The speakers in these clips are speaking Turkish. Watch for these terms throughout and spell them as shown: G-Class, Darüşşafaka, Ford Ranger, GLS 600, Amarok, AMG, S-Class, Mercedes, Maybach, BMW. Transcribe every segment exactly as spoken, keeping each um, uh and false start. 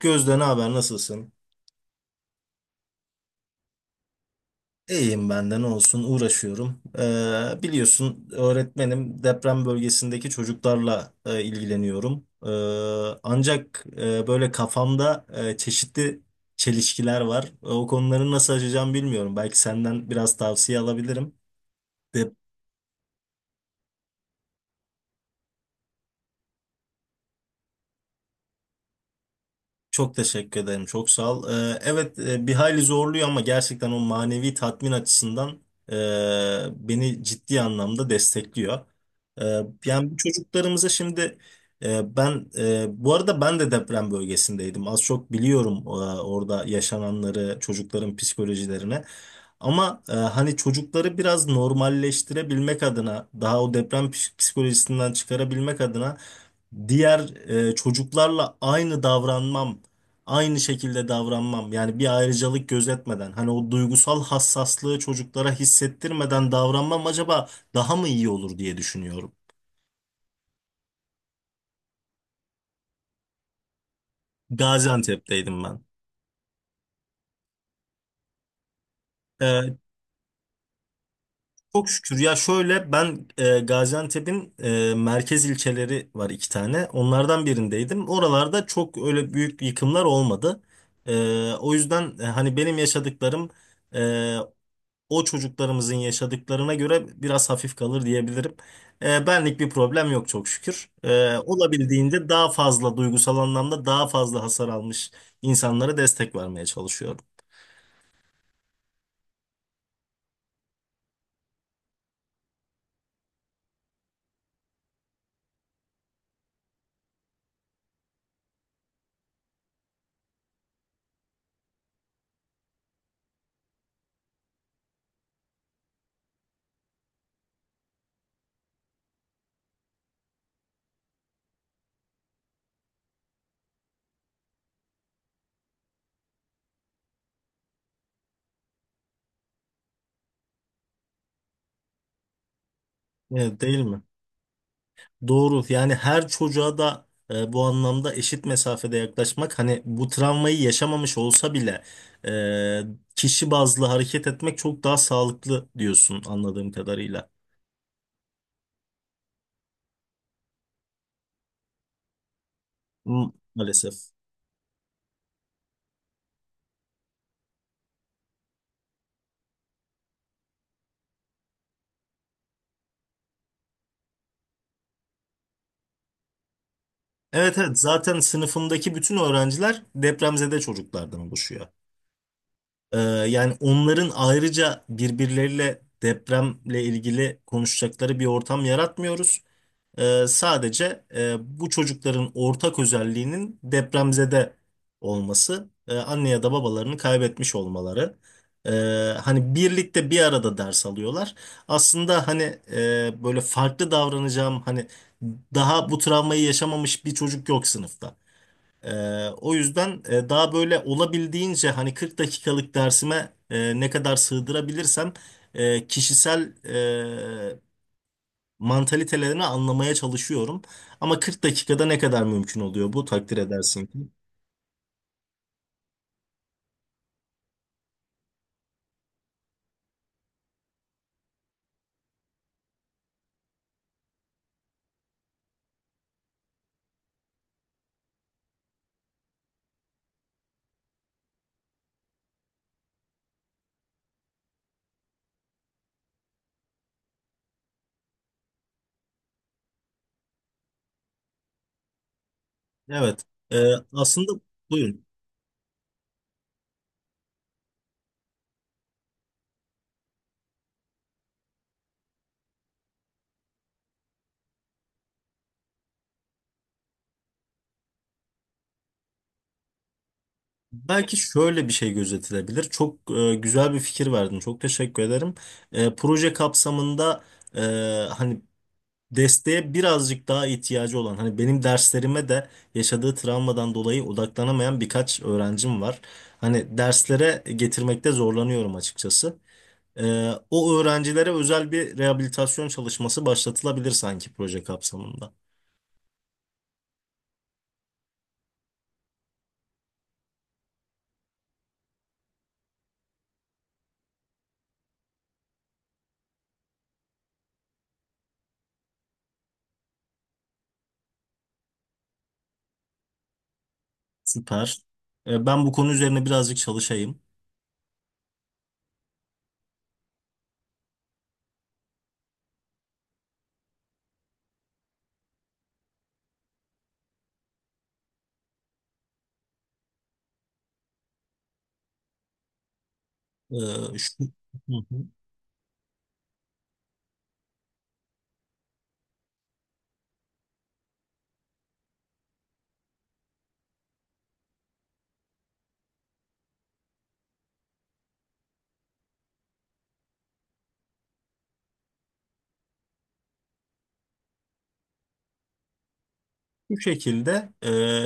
Gözde ne haber nasılsın? İyiyim ben de ne olsun uğraşıyorum. Ee, biliyorsun öğretmenim deprem bölgesindeki çocuklarla e, ilgileniyorum. Ee, ancak e, böyle kafamda e, çeşitli çelişkiler var. E, o konuları nasıl aşacağım bilmiyorum. Belki senden biraz tavsiye alabilirim. Çok teşekkür ederim. Çok sağ ol. Ee, evet e, bir hayli zorluyor ama gerçekten o manevi tatmin açısından e, beni ciddi anlamda destekliyor. E, Yani bu çocuklarımıza şimdi e, ben e, bu arada ben de deprem bölgesindeydim. Az çok biliyorum e, orada yaşananları, çocukların psikolojilerine. Ama e, hani çocukları biraz normalleştirebilmek adına, daha o deprem psik- psikolojisinden çıkarabilmek adına diğer e, çocuklarla aynı davranmam aynı şekilde davranmam. Yani bir ayrıcalık gözetmeden, hani o duygusal hassaslığı çocuklara hissettirmeden davranmam acaba daha mı iyi olur diye düşünüyorum. Gaziantep'teydim ben. Ee, Çok şükür ya şöyle ben, e, Gaziantep'in e, merkez ilçeleri var iki tane. Onlardan birindeydim. Oralarda çok öyle büyük yıkımlar olmadı. Ee, o yüzden e, hani benim yaşadıklarım e, o çocuklarımızın yaşadıklarına göre biraz hafif kalır diyebilirim. Ee, benlik bir problem yok çok şükür. Ee, olabildiğince daha fazla duygusal anlamda daha fazla hasar almış insanlara destek vermeye çalışıyorum. Evet, değil mi? Doğru. Yani her çocuğa da e, bu anlamda eşit mesafede yaklaşmak, hani bu travmayı yaşamamış olsa bile, e, kişi bazlı hareket etmek çok daha sağlıklı diyorsun anladığım kadarıyla. M- Maalesef. Evet, evet, zaten sınıfımdaki bütün öğrenciler depremzede çocuklardan oluşuyor. Ee, yani onların ayrıca birbirleriyle depremle ilgili konuşacakları bir ortam yaratmıyoruz. Ee, sadece e, bu çocukların ortak özelliğinin depremzede olması, e, anne ya da babalarını kaybetmiş olmaları. Ee, Hani birlikte bir arada ders alıyorlar. Aslında hani e, böyle farklı davranacağım, hani daha bu travmayı yaşamamış bir çocuk yok sınıfta. Ee, o yüzden e, daha böyle olabildiğince hani kırk dakikalık dersime e, ne kadar sığdırabilirsem e, kişisel e, mantalitelerini anlamaya çalışıyorum. Ama kırk dakikada ne kadar mümkün oluyor bu takdir edersin ki. Evet. E, Aslında buyurun. Belki şöyle bir şey gözetilebilir. Çok e, güzel bir fikir verdin. Çok teşekkür ederim. E, proje kapsamında e, hani desteğe birazcık daha ihtiyacı olan, hani benim derslerime de yaşadığı travmadan dolayı odaklanamayan birkaç öğrencim var. Hani derslere getirmekte zorlanıyorum açıkçası. Ee, o öğrencilere özel bir rehabilitasyon çalışması başlatılabilir sanki proje kapsamında. Süper. Ee, ben bu konu üzerine birazcık çalışayım. Ee, şu, Hı hı. Bu şekilde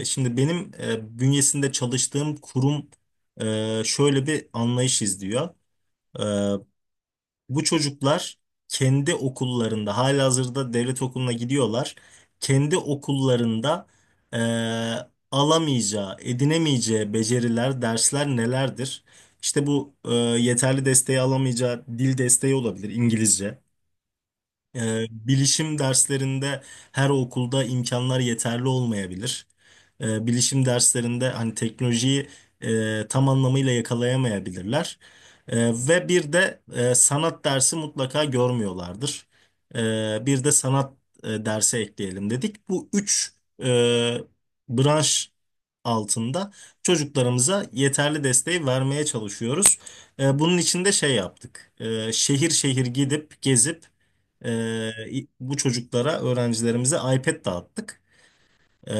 e, şimdi benim e, bünyesinde çalıştığım kurum e, şöyle bir anlayış izliyor. Ee, Bu çocuklar kendi okullarında halihazırda devlet okuluna gidiyorlar. Kendi okullarında eee, alamayacağı, edinemeyeceği beceriler, dersler nelerdir? İşte bu, eee, yeterli desteği alamayacağı dil desteği olabilir, İngilizce. Ee, bilişim derslerinde her okulda imkanlar yeterli olmayabilir. Ee, bilişim derslerinde hani teknolojiyi e, tam anlamıyla yakalayamayabilirler. Ee, ve bir de e, sanat dersi mutlaka görmüyorlardır. Ee, bir de sanat e, dersi ekleyelim dedik. Bu üç e, branş altında çocuklarımıza yeterli desteği vermeye çalışıyoruz. Ee, bunun için de şey yaptık. Ee, şehir şehir gidip gezip ee, bu çocuklara, öğrencilerimize iPad dağıttık. Ee,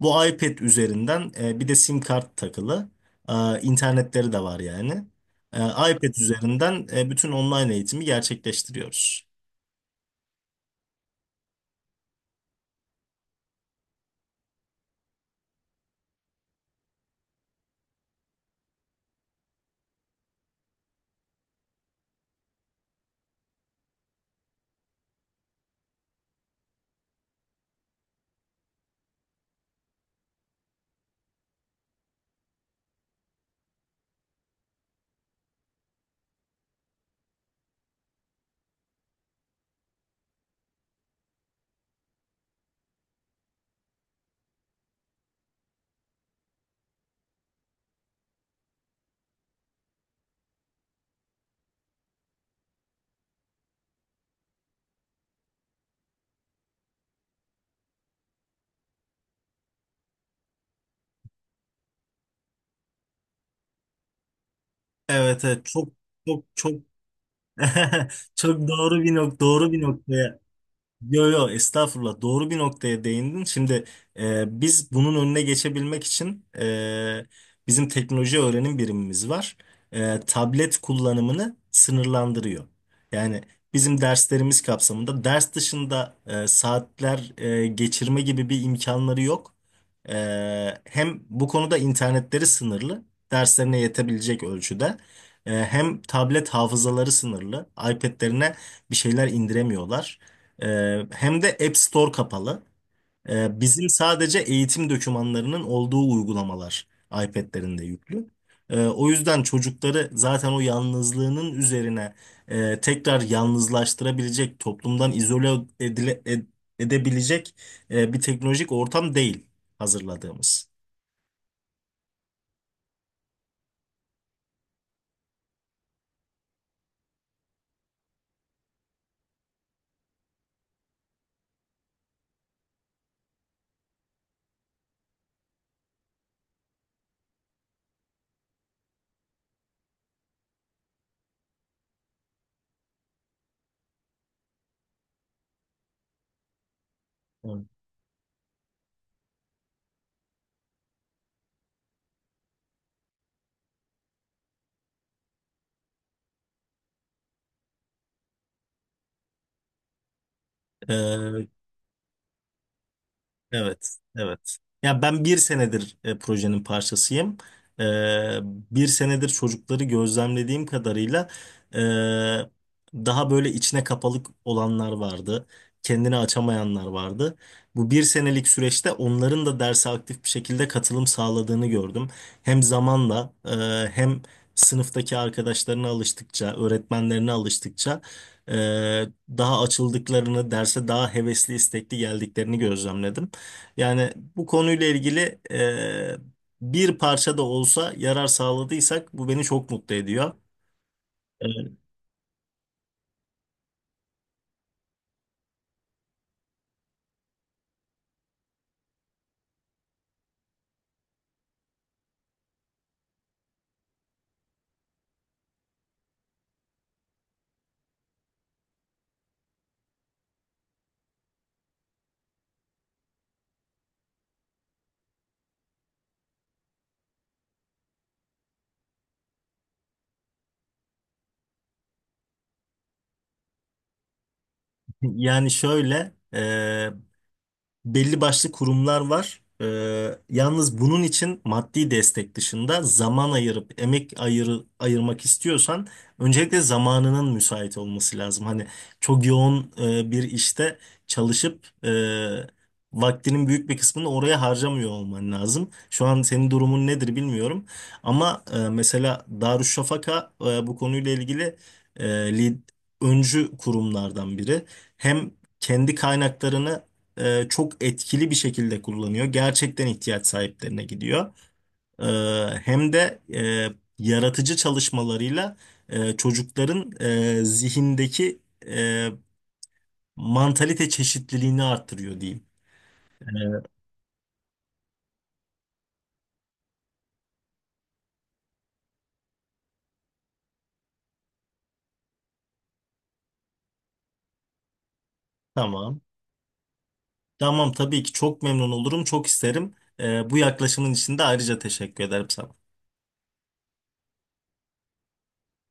Bu iPad üzerinden e, bir de SIM kart takılı. Ee, internetleri de var yani. Ee, iPad üzerinden e, bütün online eğitimi gerçekleştiriyoruz. Evet, evet, çok çok çok çok doğru bir nok doğru bir noktaya. Yo yo, estağfurullah, doğru bir noktaya değindin. Şimdi e, biz bunun önüne geçebilmek için, e, bizim teknoloji öğrenim birimimiz var. E, tablet kullanımını sınırlandırıyor. Yani bizim derslerimiz kapsamında ders dışında e, saatler e, geçirme gibi bir imkanları yok. E, Hem bu konuda internetleri sınırlı, derslerine yetebilecek ölçüde. E, hem tablet hafızaları sınırlı. iPad'lerine bir şeyler indiremiyorlar. Ee, hem de App Store kapalı. Ee, bizim sadece eğitim dokümanlarının olduğu uygulamalar iPad'lerinde yüklü. Ee, o yüzden çocukları zaten o yalnızlığının üzerine e, tekrar yalnızlaştırabilecek, toplumdan izole edile- ed- edebilecek e, bir teknolojik ortam değil hazırladığımız. Evet. Evet, evet. Ya ben bir senedir e, projenin parçasıyım. E, Bir senedir çocukları gözlemlediğim kadarıyla, e, daha böyle içine kapalık olanlar vardı. Kendini açamayanlar vardı. Bu bir senelik süreçte onların da derse aktif bir şekilde katılım sağladığını gördüm. Hem zamanla, e, hem sınıftaki arkadaşlarına alıştıkça, öğretmenlerine alıştıkça, e, daha açıldıklarını, derse daha hevesli, istekli geldiklerini gözlemledim. Yani bu konuyla ilgili e, bir parça da olsa yarar sağladıysak bu beni çok mutlu ediyor. E, Yani şöyle, e, belli başlı kurumlar var. Ee, yalnız bunun için maddi destek dışında zaman ayırıp emek ayır, ayırmak istiyorsan öncelikle zamanının müsait olması lazım. Hani çok yoğun e, bir işte çalışıp e, vaktinin büyük bir kısmını oraya harcamıyor olman lazım. Şu an senin durumun nedir bilmiyorum. Ama e, mesela Darüşşafaka e, bu konuyla ilgili e, lid- öncü kurumlardan biri. Hem kendi kaynaklarını e, çok etkili bir şekilde kullanıyor. Gerçekten ihtiyaç sahiplerine gidiyor. E, Hem de e, yaratıcı çalışmalarıyla e, çocukların e, zihindeki e, mantalite çeşitliliğini arttırıyor diyeyim. E, tamam. Tamam, tabii ki, çok memnun olurum, çok isterim. E, bu yaklaşımın için de ayrıca teşekkür ederim sana.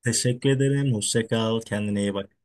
Teşekkür ederim. Hoşça kal. Kendine iyi bak.